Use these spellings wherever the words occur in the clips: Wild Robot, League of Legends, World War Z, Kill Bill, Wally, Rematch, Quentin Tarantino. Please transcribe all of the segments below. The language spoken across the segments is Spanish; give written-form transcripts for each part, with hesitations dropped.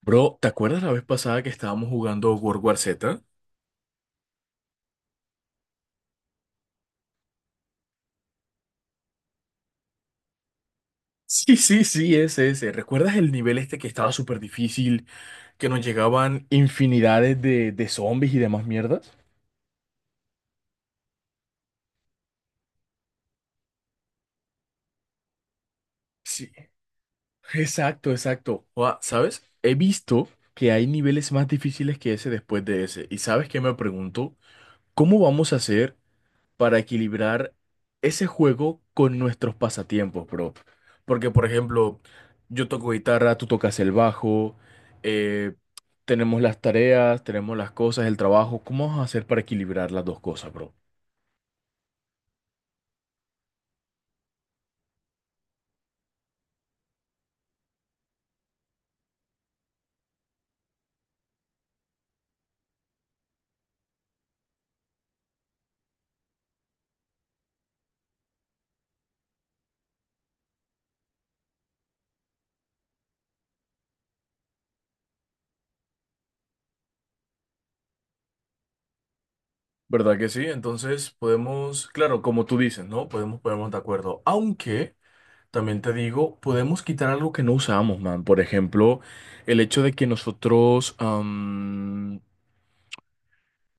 Bro, ¿te acuerdas la vez pasada que estábamos jugando World War Z? Sí, sí, sí, ese, ese. ¿Recuerdas el nivel este que estaba súper difícil, que nos llegaban infinidades de zombies y demás mierdas? Sí, exacto, exacto. Ua, ¿sabes? He visto que hay niveles más difíciles que ese después de ese. ¿Y sabes qué me pregunto? ¿Cómo vamos a hacer para equilibrar ese juego con nuestros pasatiempos, bro? Porque, por ejemplo, yo toco guitarra, tú tocas el bajo, eh, tenemos las tareas, tenemos las cosas, el trabajo. ¿Cómo vamos a hacer para equilibrar las dos cosas, bro? ¿Verdad que sí? Entonces podemos, claro, como tú dices, ¿no? Podemos ponernos de acuerdo. Aunque, también te digo, podemos quitar algo que no usamos, man. Por ejemplo, el hecho de que nosotros,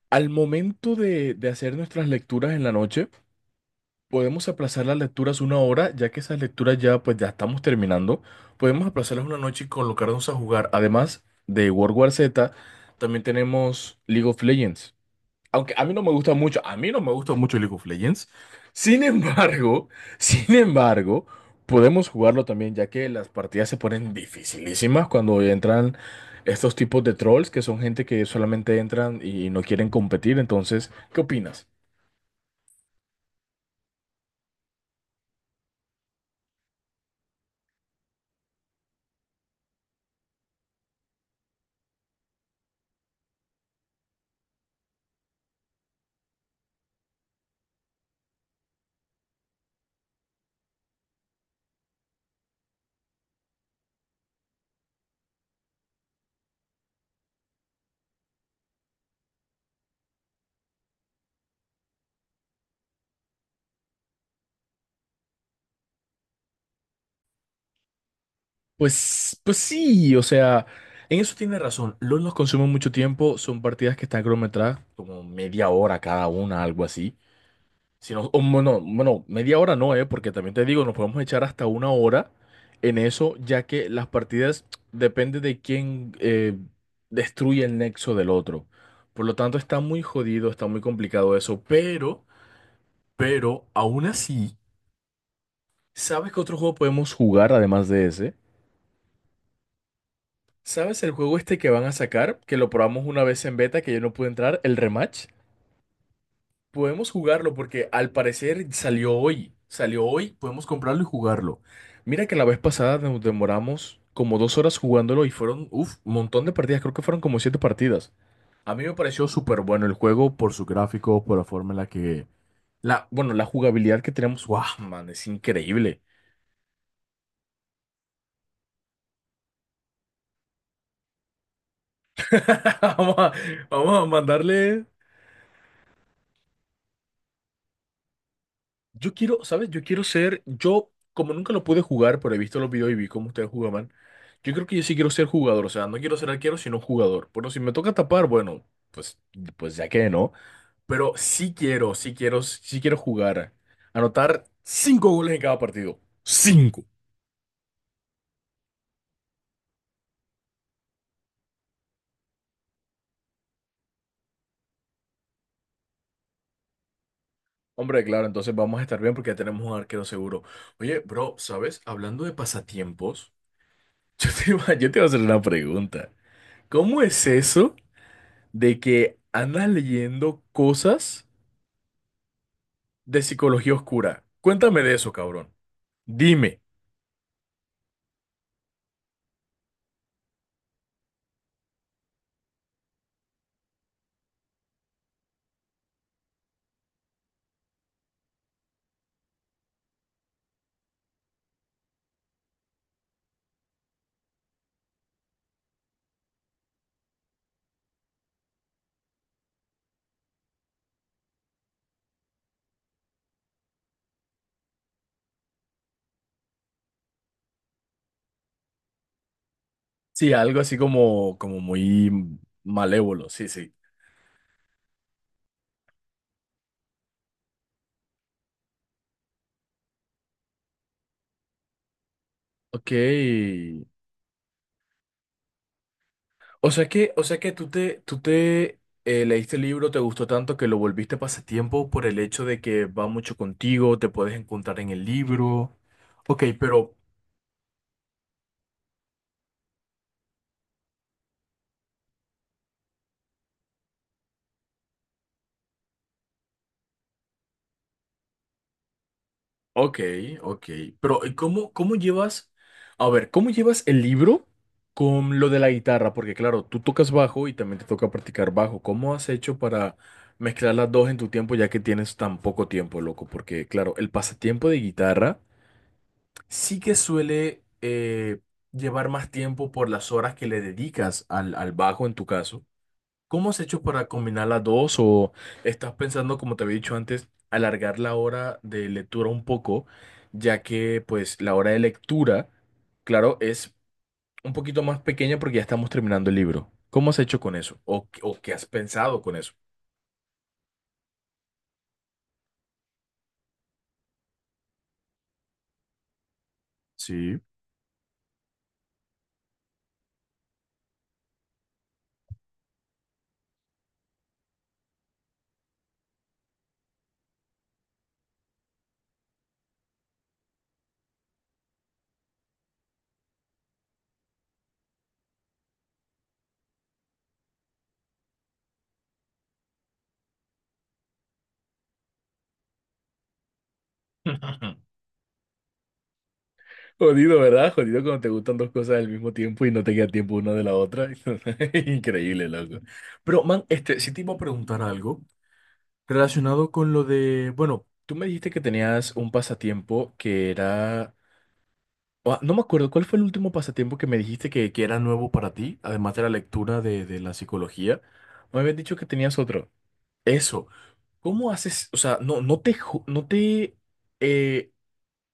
al momento de hacer nuestras lecturas en la noche. Podemos aplazar las lecturas una hora, ya que esas lecturas ya pues ya estamos terminando. Podemos aplazarlas una noche y colocarnos a jugar. Además de World War Z, también tenemos League of Legends. Aunque a mí no me gusta mucho, a mí no me gusta mucho League of Legends. Sin embargo, sin embargo, podemos jugarlo también, ya que las partidas se ponen dificilísimas cuando entran estos tipos de trolls, que son gente que solamente entran y no quieren competir. Entonces, ¿qué opinas? Pues sí, o sea, en eso tiene razón. LOL nos consume mucho tiempo, son partidas que están cronometradas como media hora cada una, algo así. Si no, o bueno, bueno, media hora no, porque también te digo, nos podemos echar hasta una hora en eso, ya que las partidas depende de quién destruye el nexo del otro. Por lo tanto, está muy jodido, está muy complicado eso, pero, aún así, ¿sabes qué otro juego podemos jugar además de ese? ¿Sabes el juego este que van a sacar? Que lo probamos una vez en beta, que yo no pude entrar, el Rematch. Podemos jugarlo porque al parecer salió hoy. Salió hoy, podemos comprarlo y jugarlo. Mira que la vez pasada nos demoramos como 2 horas jugándolo y fueron, uff, un montón de partidas. Creo que fueron como siete partidas. A mí me pareció súper bueno el juego por su gráfico, por la forma en la que... La jugabilidad que tenemos, wow, man, es increíble. Vamos a, vamos a mandarle. Yo quiero, ¿sabes? Yo como nunca lo pude jugar, pero he visto los videos y vi cómo ustedes jugaban, yo creo que yo sí quiero ser jugador, o sea, no quiero ser arquero, sino jugador. Bueno, si me toca tapar, bueno, pues, pues ya que no, pero sí quiero, sí quiero, sí quiero jugar, anotar cinco goles en cada partido. Cinco. Hombre, claro, entonces vamos a estar bien porque ya tenemos un arquero seguro. Oye, bro, ¿sabes? Hablando de pasatiempos, yo te iba a hacer una pregunta. ¿Cómo es eso de que andas leyendo cosas de psicología oscura? Cuéntame de eso, cabrón. Dime. Sí, algo así como muy malévolo, sí, sí. Ok. O sea que tú te leíste el libro, te gustó tanto que lo volviste pasatiempo por el hecho de que va mucho contigo, te puedes encontrar en el libro. Ok, pero. Ok, ok. Pero, ¿y ¿cómo llevas, a ver, cómo llevas el libro con lo de la guitarra? Porque claro, tú tocas bajo y también te toca practicar bajo. ¿Cómo has hecho para mezclar las dos en tu tiempo ya que tienes tan poco tiempo, loco? Porque claro, el pasatiempo de guitarra sí que suele llevar más tiempo por las horas que le dedicas al bajo en tu caso. ¿Cómo has hecho para combinar las dos? ¿O estás pensando, como te había dicho antes, alargar la hora de lectura un poco, ya que pues la hora de lectura, claro, es un poquito más pequeña porque ya estamos terminando el libro? ¿Cómo has hecho con eso? ¿O, qué has pensado con eso? Sí. Jodido, ¿verdad? Jodido cuando te gustan dos cosas al mismo tiempo y no te queda tiempo una de la otra. Increíble, loco. Pero, man, este, sí te iba a preguntar algo. Relacionado con lo de, bueno, tú me dijiste que tenías un pasatiempo que era, ah, no me acuerdo, ¿cuál fue el último pasatiempo que me dijiste que era nuevo para ti, además de la lectura de la psicología? Me habías dicho que tenías otro. Eso, ¿cómo haces? O sea, no, no te eh,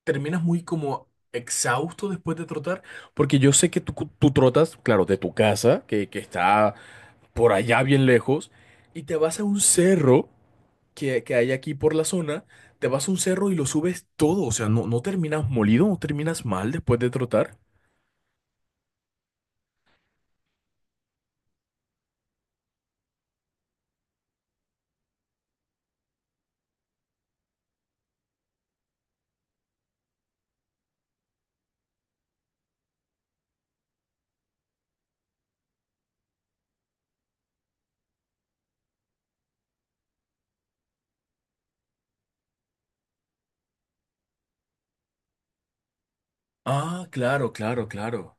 terminas muy como exhausto después de trotar, porque yo sé que tú trotas, claro, de tu casa, que está por allá bien lejos, y te vas a un cerro que hay aquí por la zona, te vas a un cerro y lo subes todo, o sea, no, no terminas molido, no terminas mal después de trotar. Ah, claro, claro, claro.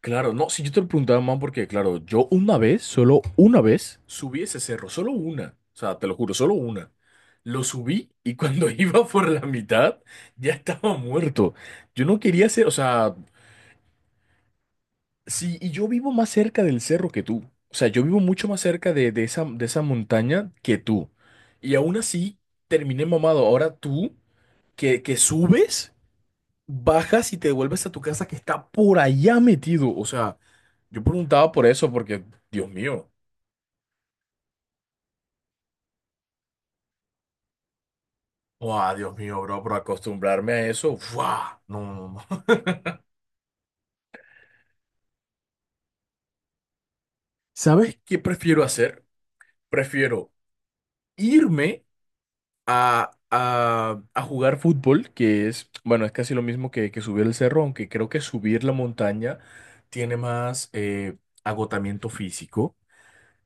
Claro, no, si yo te lo preguntaba más porque, claro, yo una vez, solo una vez, subí ese cerro, solo una, o sea, te lo juro, solo una. Lo subí y cuando iba por la mitad, ya estaba muerto. Yo no quería hacer, o sea. Sí, y yo vivo más cerca del cerro que tú. O sea, yo vivo mucho más cerca de esa montaña que tú. Y aún así, terminé mamado. Ahora tú, que subes, bajas y te devuelves a tu casa que está por allá metido. O sea, yo preguntaba por eso porque, Dios mío. ¡Wow, Dios mío, bro! Por acostumbrarme a eso. ¡Wow! No, no, no. ¿Sabes qué prefiero hacer? Prefiero irme a jugar fútbol, que es, bueno, es casi lo mismo que subir el cerro, aunque creo que subir la montaña tiene más agotamiento físico.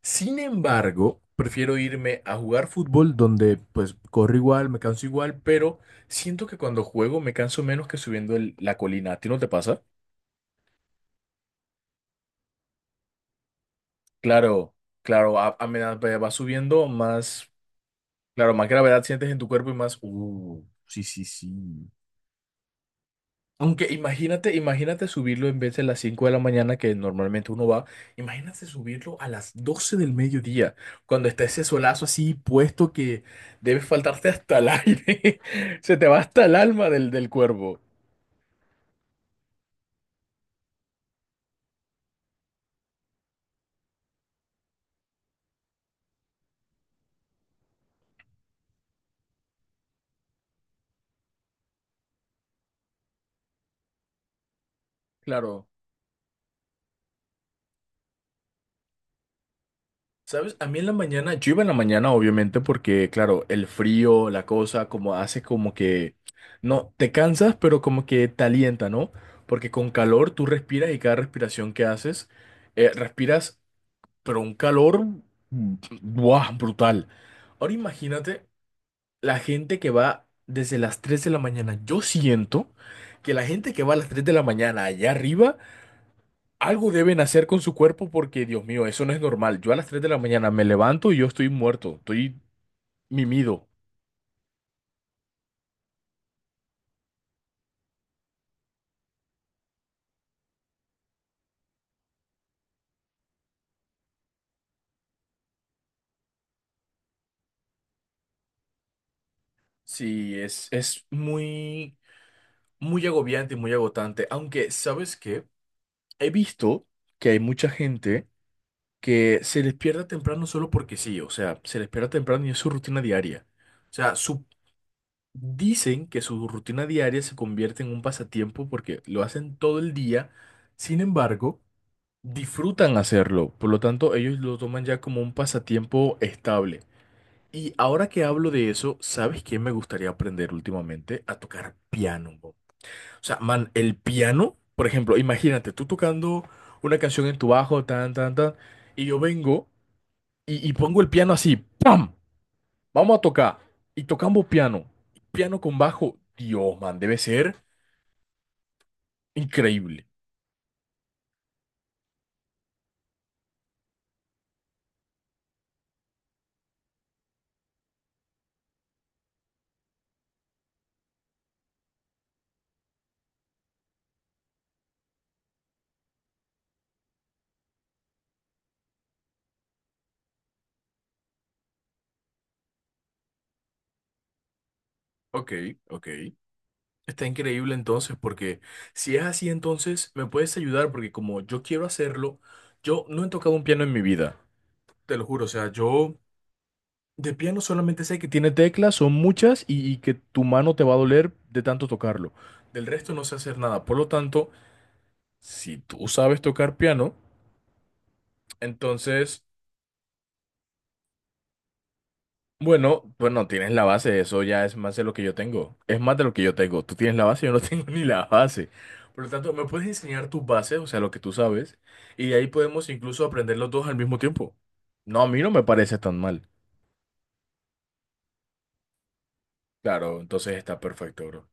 Sin embargo, prefiero irme a jugar fútbol donde pues corro igual, me canso igual, pero siento que cuando juego me canso menos que subiendo la colina. ¿A ti no te pasa? Claro, claro, a medida que vas subiendo más, claro, más gravedad sientes en tu cuerpo y más, sí, sí, sí. Aunque imagínate subirlo en vez de las 5 de la mañana que normalmente uno va, imagínate subirlo a las 12 del mediodía, cuando está ese solazo así puesto que debe faltarte hasta el aire, se te va hasta el alma del cuervo. Claro, ¿sabes? A mí en la mañana, yo iba en la mañana obviamente porque, claro, el frío, la cosa, como hace como que, no, te cansas, pero como que te alienta, ¿no? Porque con calor tú respiras y cada respiración que haces, respiras pero un calor, ¡buah! Brutal. Ahora imagínate la gente que va desde las 3 de la mañana. Yo siento que la gente que va a las 3 de la mañana allá arriba, algo deben hacer con su cuerpo porque, Dios mío, eso no es normal. Yo a las 3 de la mañana me levanto y yo estoy muerto, estoy mimido. Sí, es muy, muy agobiante y muy agotante. Aunque, ¿sabes qué? He visto que hay mucha gente que se les pierda temprano solo porque sí, o sea, se les pierda temprano y es su rutina diaria. O sea, dicen que su rutina diaria se convierte en un pasatiempo porque lo hacen todo el día, sin embargo, disfrutan hacerlo, por lo tanto, ellos lo toman ya como un pasatiempo estable. Y ahora que hablo de eso, ¿sabes qué me gustaría aprender últimamente? A tocar piano. Bob. O sea, man, el piano, por ejemplo, imagínate tú tocando una canción en tu bajo, tan, tan, tan, y yo vengo y pongo el piano así, ¡pam! Vamos a tocar. Y tocamos piano. Piano con bajo. Dios, man, debe ser increíble. Ok, ok. Está increíble entonces, porque si es así, entonces me puedes ayudar, porque como yo quiero hacerlo, yo no he tocado un piano en mi vida. Te lo juro, o sea, yo de piano solamente sé que tiene teclas, son muchas, y que tu mano te va a doler de tanto tocarlo. Del resto no sé hacer nada. Por lo tanto, si tú sabes tocar piano, entonces. Bueno, pues no tienes la base, eso ya es más de lo que yo tengo. Es más de lo que yo tengo. Tú tienes la base, yo no tengo ni la base. Por lo tanto, me puedes enseñar tus bases, o sea, lo que tú sabes, y de ahí podemos incluso aprender los dos al mismo tiempo. No, a mí no me parece tan mal. Claro, entonces está perfecto, bro.